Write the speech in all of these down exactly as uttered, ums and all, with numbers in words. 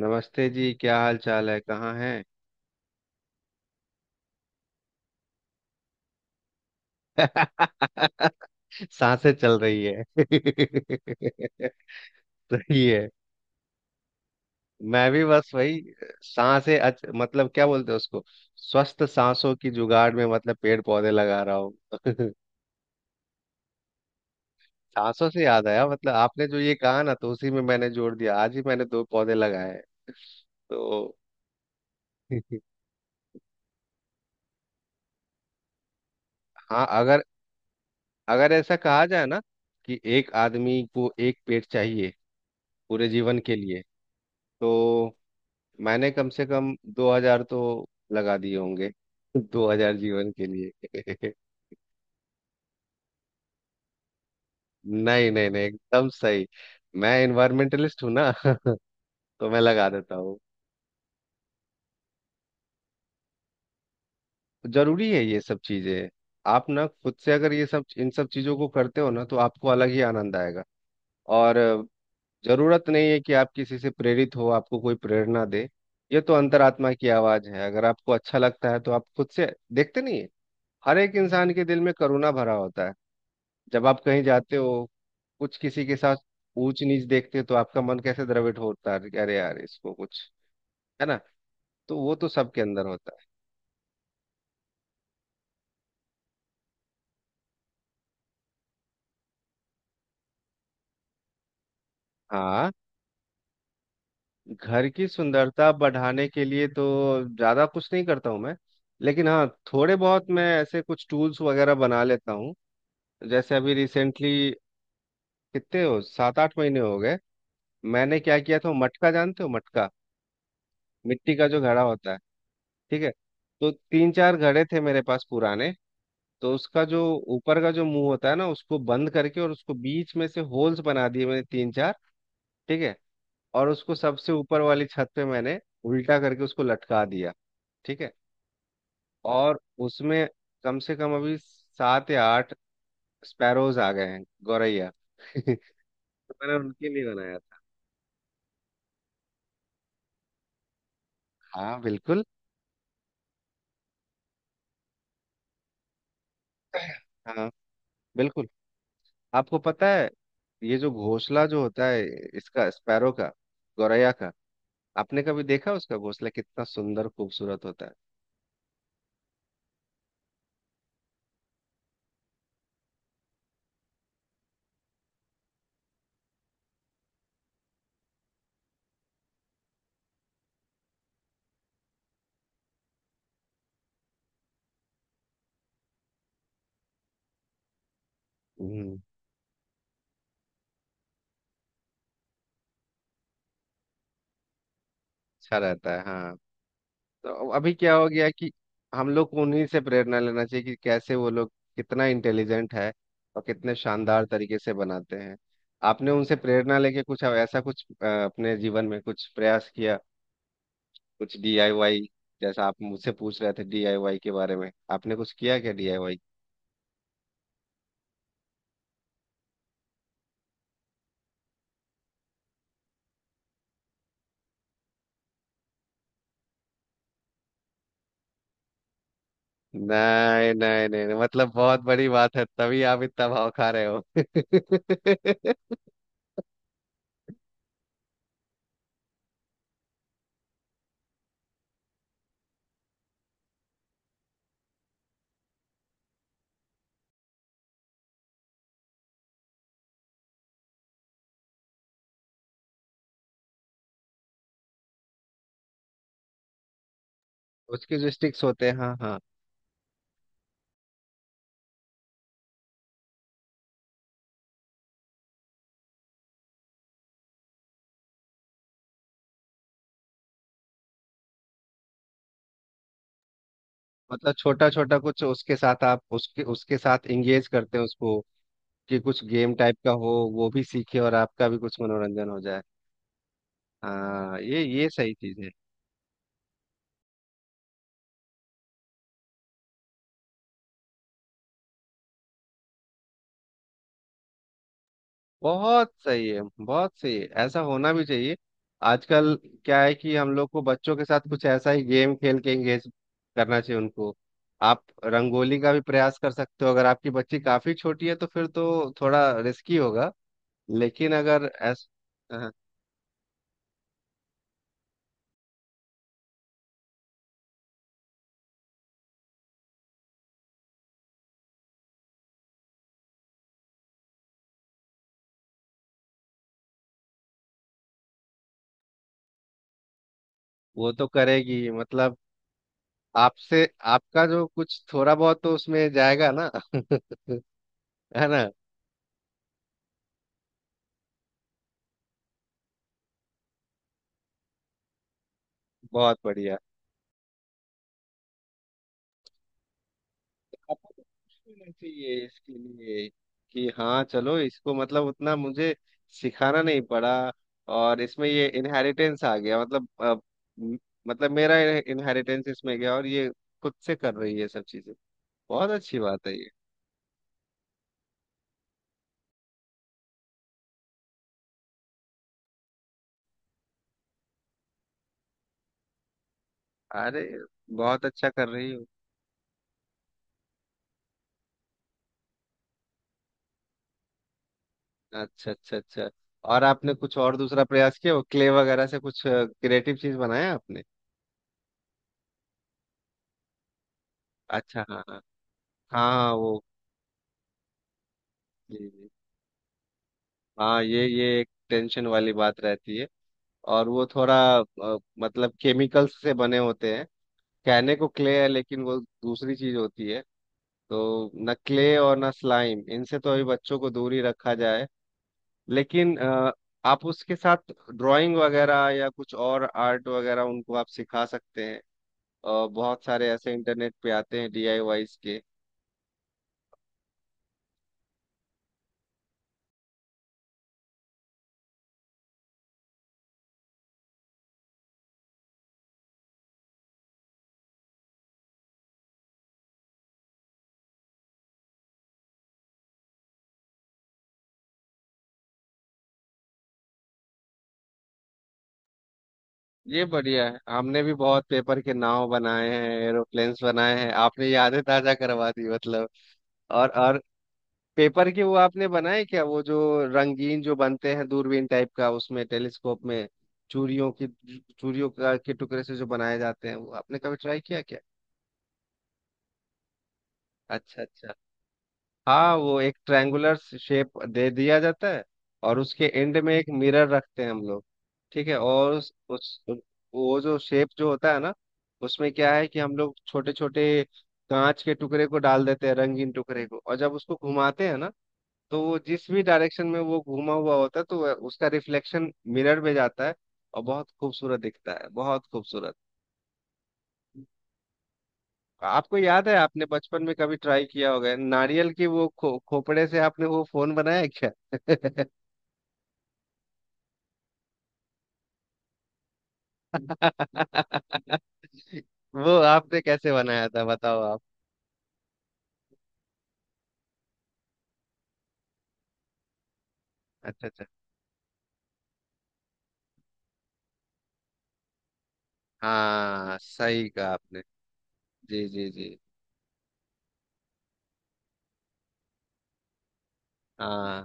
नमस्ते जी। क्या हाल चाल है? कहाँ हैं? सांसें चल रही है। सही है। मैं भी बस वही। सांसें अच, मतलब क्या बोलते हैं उसको, स्वस्थ सांसों की जुगाड़ में, मतलब पेड़ पौधे लगा रहा हूँ। सांसों से याद आया, मतलब आपने जो ये कहा ना, तो उसी में मैंने जोड़ दिया। आज ही मैंने दो पौधे लगाए हैं तो। हाँ, अगर अगर ऐसा कहा जाए ना, कि एक आदमी को एक पेड़ चाहिए पूरे जीवन के लिए, तो मैंने कम से कम दो हजार तो लगा दिए होंगे। दो हजार जीवन के लिए। नहीं, नहीं, नहीं, एकदम सही। मैं इन्वायरमेंटलिस्ट हूँ ना। तो मैं लगा देता हूँ। जरूरी है ये सब चीजें। आप ना खुद से अगर ये सब, इन सब चीजों को करते हो ना, तो आपको अलग ही आनंद आएगा। और जरूरत नहीं है कि आप किसी से प्रेरित हो, आपको कोई प्रेरणा दे। ये तो अंतरात्मा की आवाज है। अगर आपको अच्छा लगता है तो आप खुद से, देखते नहीं है? हर एक इंसान के दिल में करुणा भरा होता है। जब आप कहीं जाते हो, कुछ किसी के साथ ऊंच नीच देखते हो, तो आपका मन कैसे द्रवित होता है कि अरे यार इसको कुछ, है ना? तो वो तो सबके अंदर होता है। हाँ, घर की सुंदरता बढ़ाने के लिए तो ज्यादा कुछ नहीं करता हूँ मैं। लेकिन हाँ, थोड़े बहुत मैं ऐसे कुछ टूल्स वगैरह बना लेता हूँ। जैसे अभी रिसेंटली, कितने हो, सात आठ महीने हो गए। मैंने क्या किया था? मटका जानते हो? मटका, मिट्टी का जो घड़ा होता है, ठीक है। तो तीन चार घड़े थे मेरे पास पुराने। तो उसका जो ऊपर का जो मुंह होता है ना, उसको बंद करके, और उसको बीच में से होल्स बना दिए मैंने, तीन चार। ठीक है। और उसको सबसे ऊपर वाली छत पे मैंने उल्टा करके उसको लटका दिया। ठीक है। और उसमें कम से कम अभी सात या आठ स्पैरोज आ गए हैं, गौरैया। तो मैंने उनके लिए बनाया था। हाँ, बिल्कुल। हाँ, बिल्कुल। आपको पता है, ये जो घोंसला जो होता है इसका, स्पैरो का, गौरैया का, आपने कभी देखा उसका घोंसला कितना सुंदर खूबसूरत होता है? हम्म। अच्छा रहता है। हाँ। तो अभी क्या हो गया कि हम लोग को उन्हीं से प्रेरणा लेना चाहिए, कि कैसे वो लोग कितना इंटेलिजेंट है, और कितने शानदार तरीके से बनाते हैं। आपने उनसे प्रेरणा लेके कुछ ऐसा, कुछ अ, अपने जीवन में कुछ प्रयास किया? कुछ डी आई वाई? जैसा आप मुझसे पूछ रहे थे डी आई वाई के बारे में, आपने कुछ किया क्या डी आई वाई? नहीं, नहीं, नहीं, नहीं, मतलब बहुत बड़ी बात है तभी आप इतना भाव खा रहे हो। उसके जो स्टिक्स होते हैं, हाँ, हाँ। मतलब छोटा छोटा कुछ उसके साथ, आप उसके उसके साथ इंगेज करते हैं उसको, कि कुछ गेम टाइप का हो, वो भी सीखे और आपका भी कुछ मनोरंजन हो जाए। हाँ, ये ये सही चीज है। बहुत सही है, बहुत सही है, ऐसा होना भी चाहिए। आजकल क्या है कि हम लोग को बच्चों के साथ कुछ ऐसा ही गेम खेल के इंगेज करना चाहिए उनको। आप रंगोली का भी प्रयास कर सकते हो। अगर आपकी बच्ची काफी छोटी है तो फिर तो थोड़ा रिस्की होगा, लेकिन अगर ऐस। हाँ, वो तो करेगी मतलब, आपसे। आपका जो कुछ थोड़ा बहुत तो उसमें जाएगा ना। है ना? बहुत बढ़िया। आपको तो खुश होना चाहिए इसके लिए, कि हाँ चलो इसको मतलब उतना मुझे सिखाना नहीं पड़ा। और इसमें ये इनहेरिटेंस आ गया मतलब अ, म- मतलब मेरा इनहेरिटेंस इसमें गया और ये खुद से कर रही है सब चीजें। बहुत अच्छी बात है ये। अरे, बहुत अच्छा कर रही हो। अच्छा, अच्छा, अच्छा। और आपने कुछ और दूसरा प्रयास किया, वो क्ले वगैरह से कुछ क्रिएटिव चीज बनाया आपने? अच्छा। हाँ, हाँ। हाँ, हाँ, वो। जी, जी। हाँ, ये ये एक टेंशन वाली बात रहती है। और वो थोड़ा अ, मतलब केमिकल्स से बने होते हैं। कहने को क्ले है, लेकिन वो दूसरी चीज होती है। तो न क्ले और न स्लाइम, इनसे तो अभी बच्चों को दूर ही रखा जाए। लेकिन अ, आप उसके साथ ड्राइंग वगैरह या कुछ और आर्ट वगैरह उनको आप सिखा सकते हैं। अ, बहुत सारे ऐसे इंटरनेट पे आते हैं डी आई वाई एस के। ये बढ़िया है। हमने भी बहुत पेपर के नाव बनाए हैं। एरोप्लेन्स बनाए हैं, आपने यादें ताजा करवा दी मतलब। और और पेपर के वो आपने बनाए क्या, वो जो रंगीन जो बनते हैं, दूरबीन टाइप का, उसमें टेलीस्कोप में, चूड़ियों की, चूड़ियों का के टुकड़े से जो बनाए जाते हैं, वो आपने कभी ट्राई किया क्या? अच्छा, अच्छा। हाँ, वो एक ट्रायंगुलर शेप दे दिया जाता है। और उसके एंड में एक मिरर रखते हैं हम लोग, ठीक है। और उस, उस वो जो शेप जो होता है ना, उसमें क्या है कि हम लोग छोटे छोटे कांच के टुकड़े को डाल देते हैं, रंगीन टुकड़े को, और जब उसको घुमाते हैं ना, तो वो जिस भी डायरेक्शन में वो घुमा हुआ होता है, तो वह- उसका रिफ्लेक्शन मिरर में जाता है। और बहुत खूबसूरत दिखता है, बहुत खूबसूरत। आपको याद है? आपने बचपन में कभी ट्राई किया होगा, नारियल की वो खो, खोपड़े से आपने वो फोन बनाया है क्या? वो आपने कैसे बनाया था बताओ आप? अच्छा, अच्छा। हाँ, सही कहा आपने। जी, जी, जी। हाँ,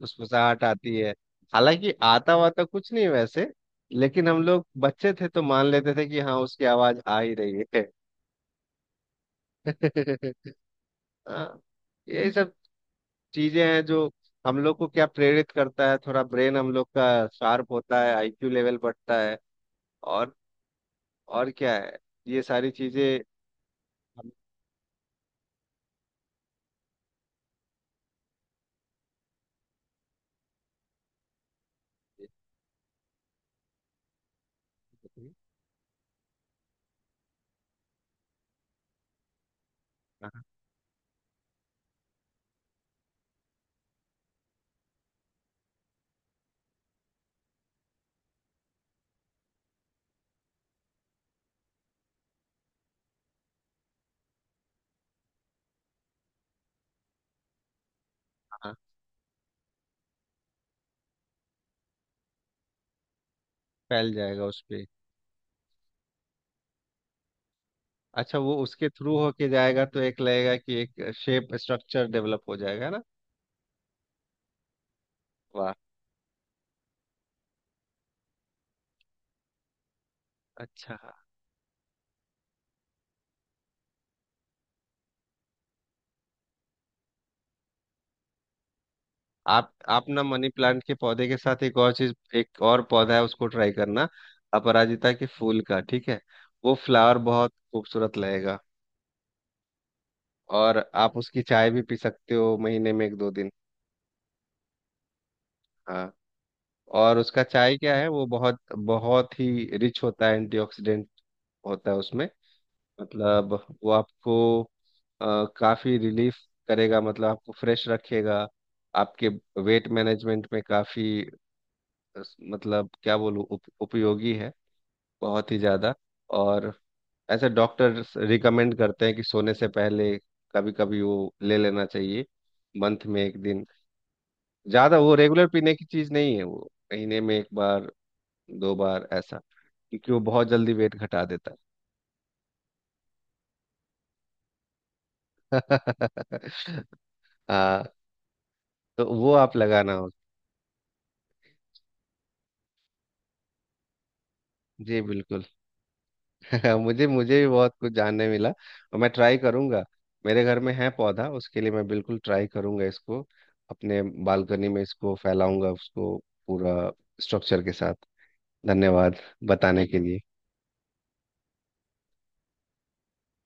फुसफुसाहट आती है, हालांकि आता वाता कुछ नहीं वैसे। लेकिन हम लोग बच्चे थे तो मान लेते थे कि हाँ, उसकी आवाज आ ही रही है। हाँ, यही सब चीजें हैं जो हम लोग को क्या प्रेरित करता है। थोड़ा ब्रेन हम लोग का शार्प होता है, आई क्यू लेवल बढ़ता है, और और क्या है, ये सारी चीजें। हम। हाँ, हाँ, हाँ, फैल जाएगा उस पे। अच्छा, वो उसके थ्रू होके जाएगा तो एक लगेगा कि एक शेप स्ट्रक्चर डेवलप हो जाएगा ना? वाह। अच्छा। आप आप ना मनी प्लांट के पौधे के साथ एक और चीज, एक और पौधा है उसको ट्राई करना। अपराजिता के फूल का, ठीक है। वो फ्लावर बहुत खूबसूरत लगेगा। और आप उसकी चाय भी पी सकते हो महीने में एक दो दिन। हाँ, और उसका चाय क्या है, वो बहुत बहुत ही रिच होता है, एंटीऑक्सीडेंट होता है उसमें। मतलब वो आपको अ, काफी रिलीफ करेगा, मतलब आपको फ्रेश रखेगा। आपके वेट मैनेजमेंट में काफी अ, मतलब क्या बोलूँ, उप, उपयोगी है, बहुत ही ज्यादा। और ऐसे डॉक्टर्स रिकमेंड करते हैं कि सोने से पहले कभी कभी वो ले लेना चाहिए, मंथ में एक दिन। ज्यादा वो रेगुलर पीने की चीज नहीं है, वो महीने में एक बार, दो बार ऐसा, क्योंकि वो बहुत जल्दी वेट घटा देता है। हाँ, तो वो आप लगाना हो। जी बिल्कुल। मुझे मुझे भी बहुत कुछ जानने मिला, और मैं ट्राई करूंगा। मेरे घर में है पौधा, उसके लिए मैं बिल्कुल ट्राई करूंगा इसको। अपने बालकनी में इसको फैलाऊंगा उसको, पूरा स्ट्रक्चर के साथ। धन्यवाद बताने के लिए।